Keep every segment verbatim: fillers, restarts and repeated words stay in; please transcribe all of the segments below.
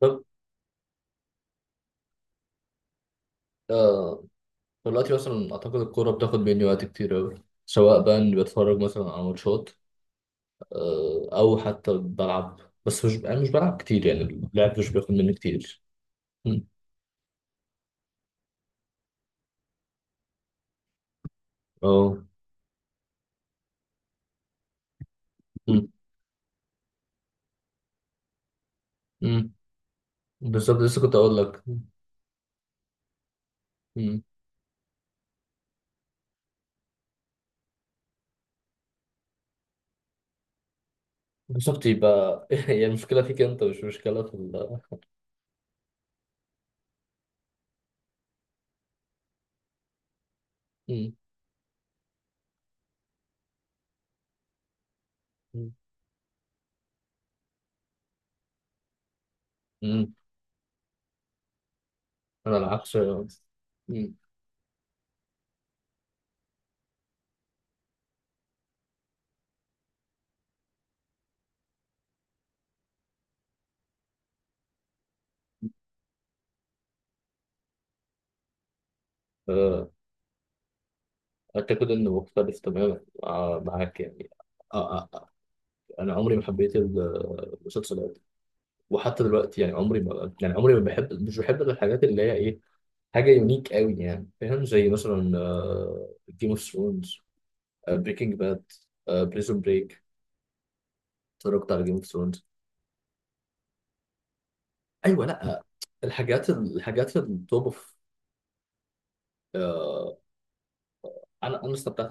طب، آه، دلوقتي مثلا أعتقد الكورة بتاخد مني وقت كتير أوي، سواء بقى إني بتفرج مثلا على ماتشات، آه، أو حتى بلعب. بس مش أنا مش بلعب كتير يعني، اللعب مش بياخد مني كتير. مم. أه. مم. مم. بالظبط، لسه كنت أقول لك. مم. بالظبط، يبقى هي المشكلة فيك أنت، مش مشكلة في ال مم. مم. مم. أنا العكس. مم. آه، أعتقد إنه مختلف تماما، آه، معاك يعني. آه. آه. آه. أنا عمري ما حبيت ال- آه، المسلسلات، وحتى دلوقتي يعني عمري ما يعني عمري ما بحب مش بحب الحاجات اللي هي ايه، حاجه يونيك قوي يعني، فاهم؟ زي مثلا جيم اوف ثرونز، بريكنج باد، بريزون بريك. اتفرجت على جيم اوف ثرونز. ايوه. لا، الحاجات الحاجات التوب اوف. انا انا استمتعت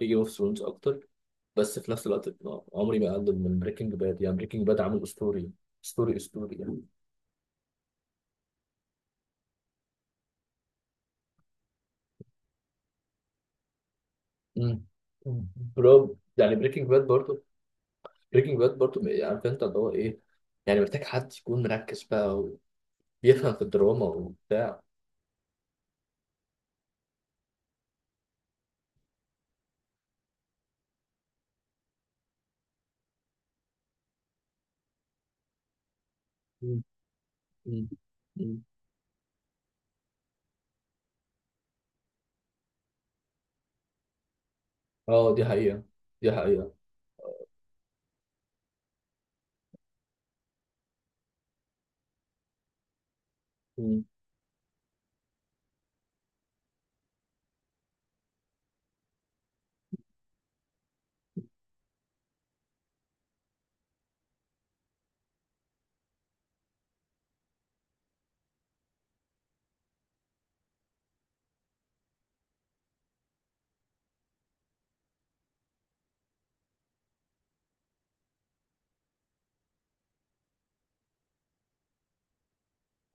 بجيم اوف ثرونز اكتر، بس في نفس الوقت عمري ما اقلل من بريكنج باد. يعني بريكنج باد عامل اسطوري، اسطوري اسطوري يعني. مم. برو يعني، بريكنج باد برضه بريكنج باد برضو بي- عارف انت اللي هو ايه، يعني محتاج حد يكون مركز بقى وبيفهم في الدراما وبتاع. مم. مم. مم. اه، دي حقيقة. دي حقيقة. مم.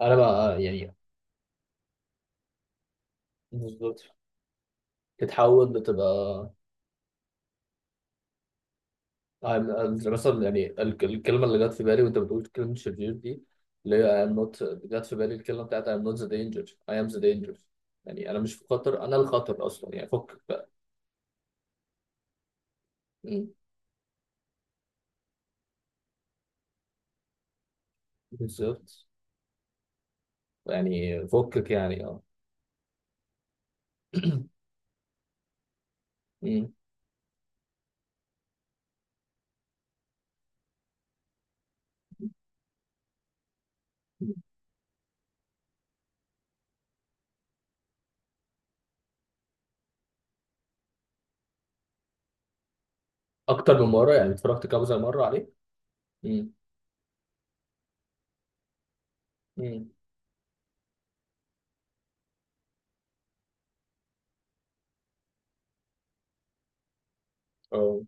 انا بقى يعني، بالظبط، تتحول لتبقى I'm- مثلا يعني ال- الكلمة اللي جت في بالي وانت بتقول كلمة شرير دي، اللي هي I'm not جت في بالي الكلمة بتاعت I'm not the danger, I am the danger. يعني انا مش في خطر، انا الخطر اصلا يعني، فكك بقى. مم. بالظبط. يعني فكك يعني، اه. مم. اكتر من مره؟ يعني اتفرجت كذا مره عليه؟ امم. امم. اه،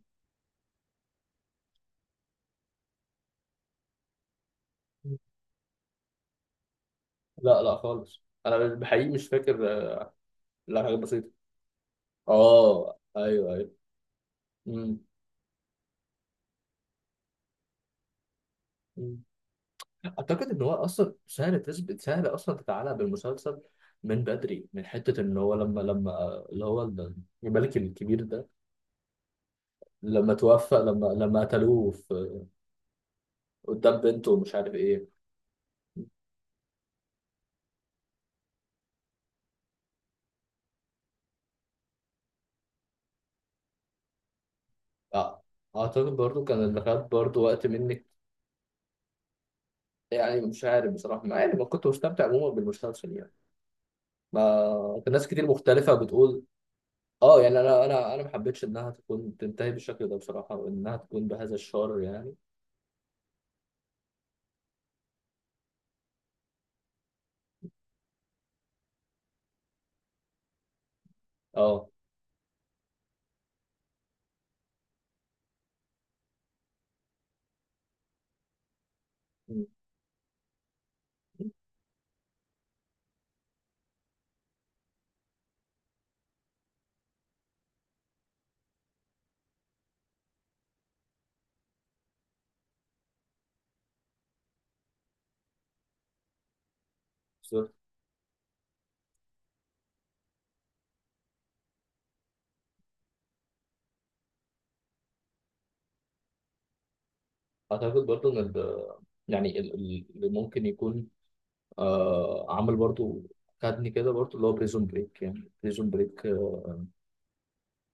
لا، لا خالص، انا بحقيقي مش فاكر، آه. لا، حاجه بسيطه. اه، ايوه ايوه. امم. أمم. اعتقد ان هو اصلا سهل تثبت، سهل اصلا تتعلق بالمسلسل من بدري، من حته ان هو لما لما آه، اللي هو ال- الملك الكبير ده، لما توفى، لما لما قتلوه في- قدام بنته ومش عارف ايه. آه، اعتقد برضو كان اللي خد برضو وقت منك. يعني مش عارف بصراحه، مع اني ما كنت مستمتع عموما بالمسلسل يعني. ما كان ناس كتير مختلفة بتقول. اه يعني انا انا انا ما حبيتش انها تكون تنتهي بالشكل ده بصراحة، وانها تكون بهذا الشر يعني. اه. م- م- بالظبط. اعتقد برضو ان ال- يعني ال- ال- اللي ممكن يكون، آه، عامل برضو، خدني كده برضو اللي هو بريزون بريك. يعني بريزون بريك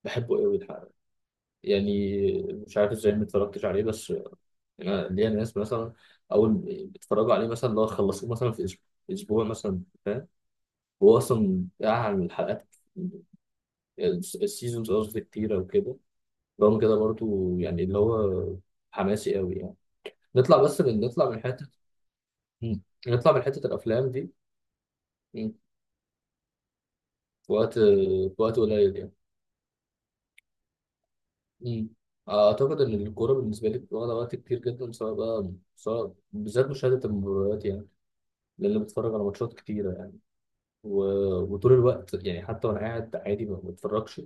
بحبه قوي الحقيقة. يعني مش عارف ازاي ما اتفرجتش عليه، بس انا ليا ناس مثلا اول ما بيتفرجوا عليه مثلا، لو خلصوه مثلا في اسبوع، اسبوع مثلا، فاهم؟ هو اصلا قاعد على الحلقات، السيزونز قصدي، كتير او كده. رغم كده برضو يعني اللي هو حماسي قوي يعني. نطلع بس من نطلع من حته، مم، نطلع من حته الافلام دي، مم، في وقت في وقت قليل يعني. مم. اعتقد ان الكوره بالنسبه لي واخده وقت كتير جدا، سواء بقى سواء بالذات مشاهده المباريات يعني، لان بتفرج على ماتشات كتيره يعني. و... وطول الوقت يعني، حتى وانا قاعد عادي ما بتفرجش،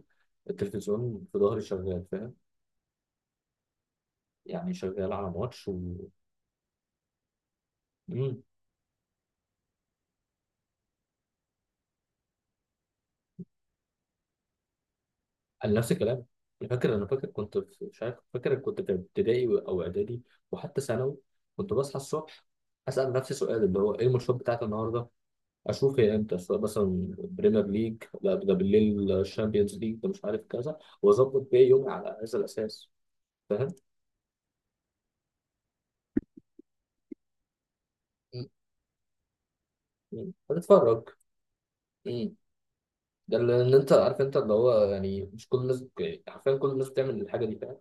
التلفزيون في ظهري شغال، فاهم؟ يعني شغال على ماتش و... مم. انا نفس الكلام. انا فاكر انا فاكر كنت في، مش عارف، فاكر كنت في ابتدائي او اعدادي وحتى ثانوي، كنت بصحى الصبح اسال نفسي سؤال اللي هو ايه الماتشات بتاعت النهارده، اشوف هي امتى، سواء مثلا بريمير ليج لا ده بالليل، الشامبيونز ليج ده مش عارف كذا، واظبط بيه يومي على هذا الاساس، فاهم؟ مم. مم. هتتفرج. مم. ده اللي ان انت عارف انت اللي هو يعني، مش كل الناس، يعني حرفيا كل الناس بتعمل الحاجه دي، فاهم؟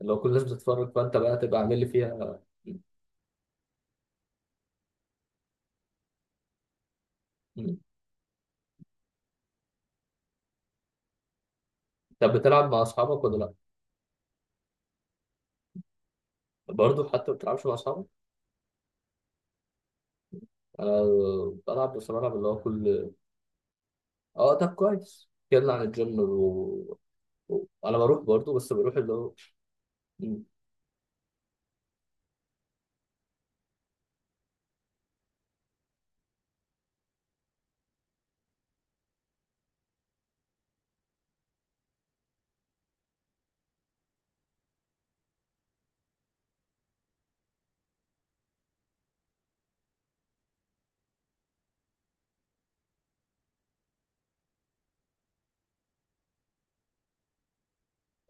اللي هو كل الناس بتتفرج، فانت بقى تبقى عامل لي فيها. مم. طب بتلعب مع اصحابك ولا لا؟ برضه حتى ما بتلعبش مع اصحابك؟ انا بلعب، بس بلعب اللي هو كل، اه طب كويس، اتكلم عن الجيم و... و... انا بروح برضه، بس بروح اللي هو، مم،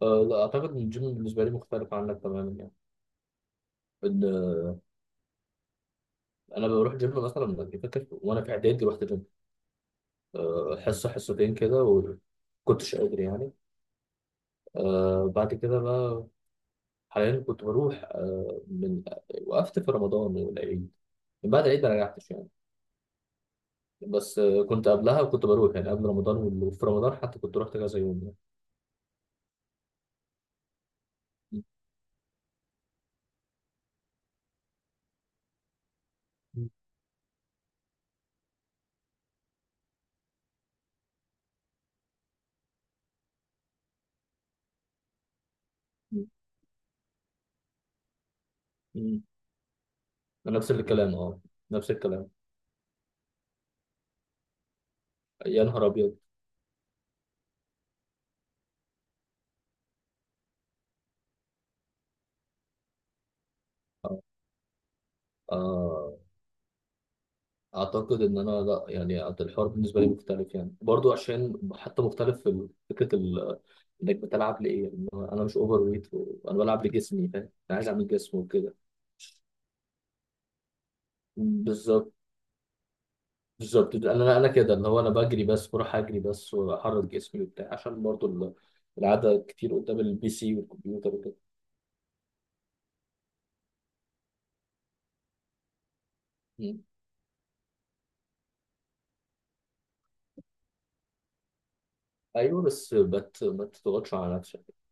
آه، لا اعتقد ان الجيم بالنسبه لي مختلف عنك تماما يعني، ان انا بروح جيم. مثلا فاكر وانا في اعدادي رحت جيم، آه، حصه حصتين كده، وكنتش قادر يعني. آه، بعد كده بقى حاليا كنت بروح، آه، من وقفت في رمضان والعيد، من بعد العيد ما رجعتش يعني. بس آه، كنت قبلها وكنت بروح يعني قبل رمضان وال- وفي رمضان حتى كنت رحت كذا يوم يعني. م- م- م- م. نفس الكلام، اه، نفس الكلام. يا نهار ابيض. آه. آه، اعتقد ان انا لا يعني، أعت- الحوار بالنسبه لي مختلف يعني برضو، عشان حتى مختلف في ال- فكره ال- انك بتلعب لايه يعني، انا مش اوفر ويت وانا بلعب لجسمي، فاهم؟ انا عايز اعمل جسم وكده. بالظبط. بالظبط، انا انا كده اللي هو، انا بجري، بس بروح اجري بس واحرك جسمي وبتاع، عشان برضو ال- القعده كتير قدام البي سي والكمبيوتر وكده. مم. ايوه بس ما ت- ما تضغطش على نفسك.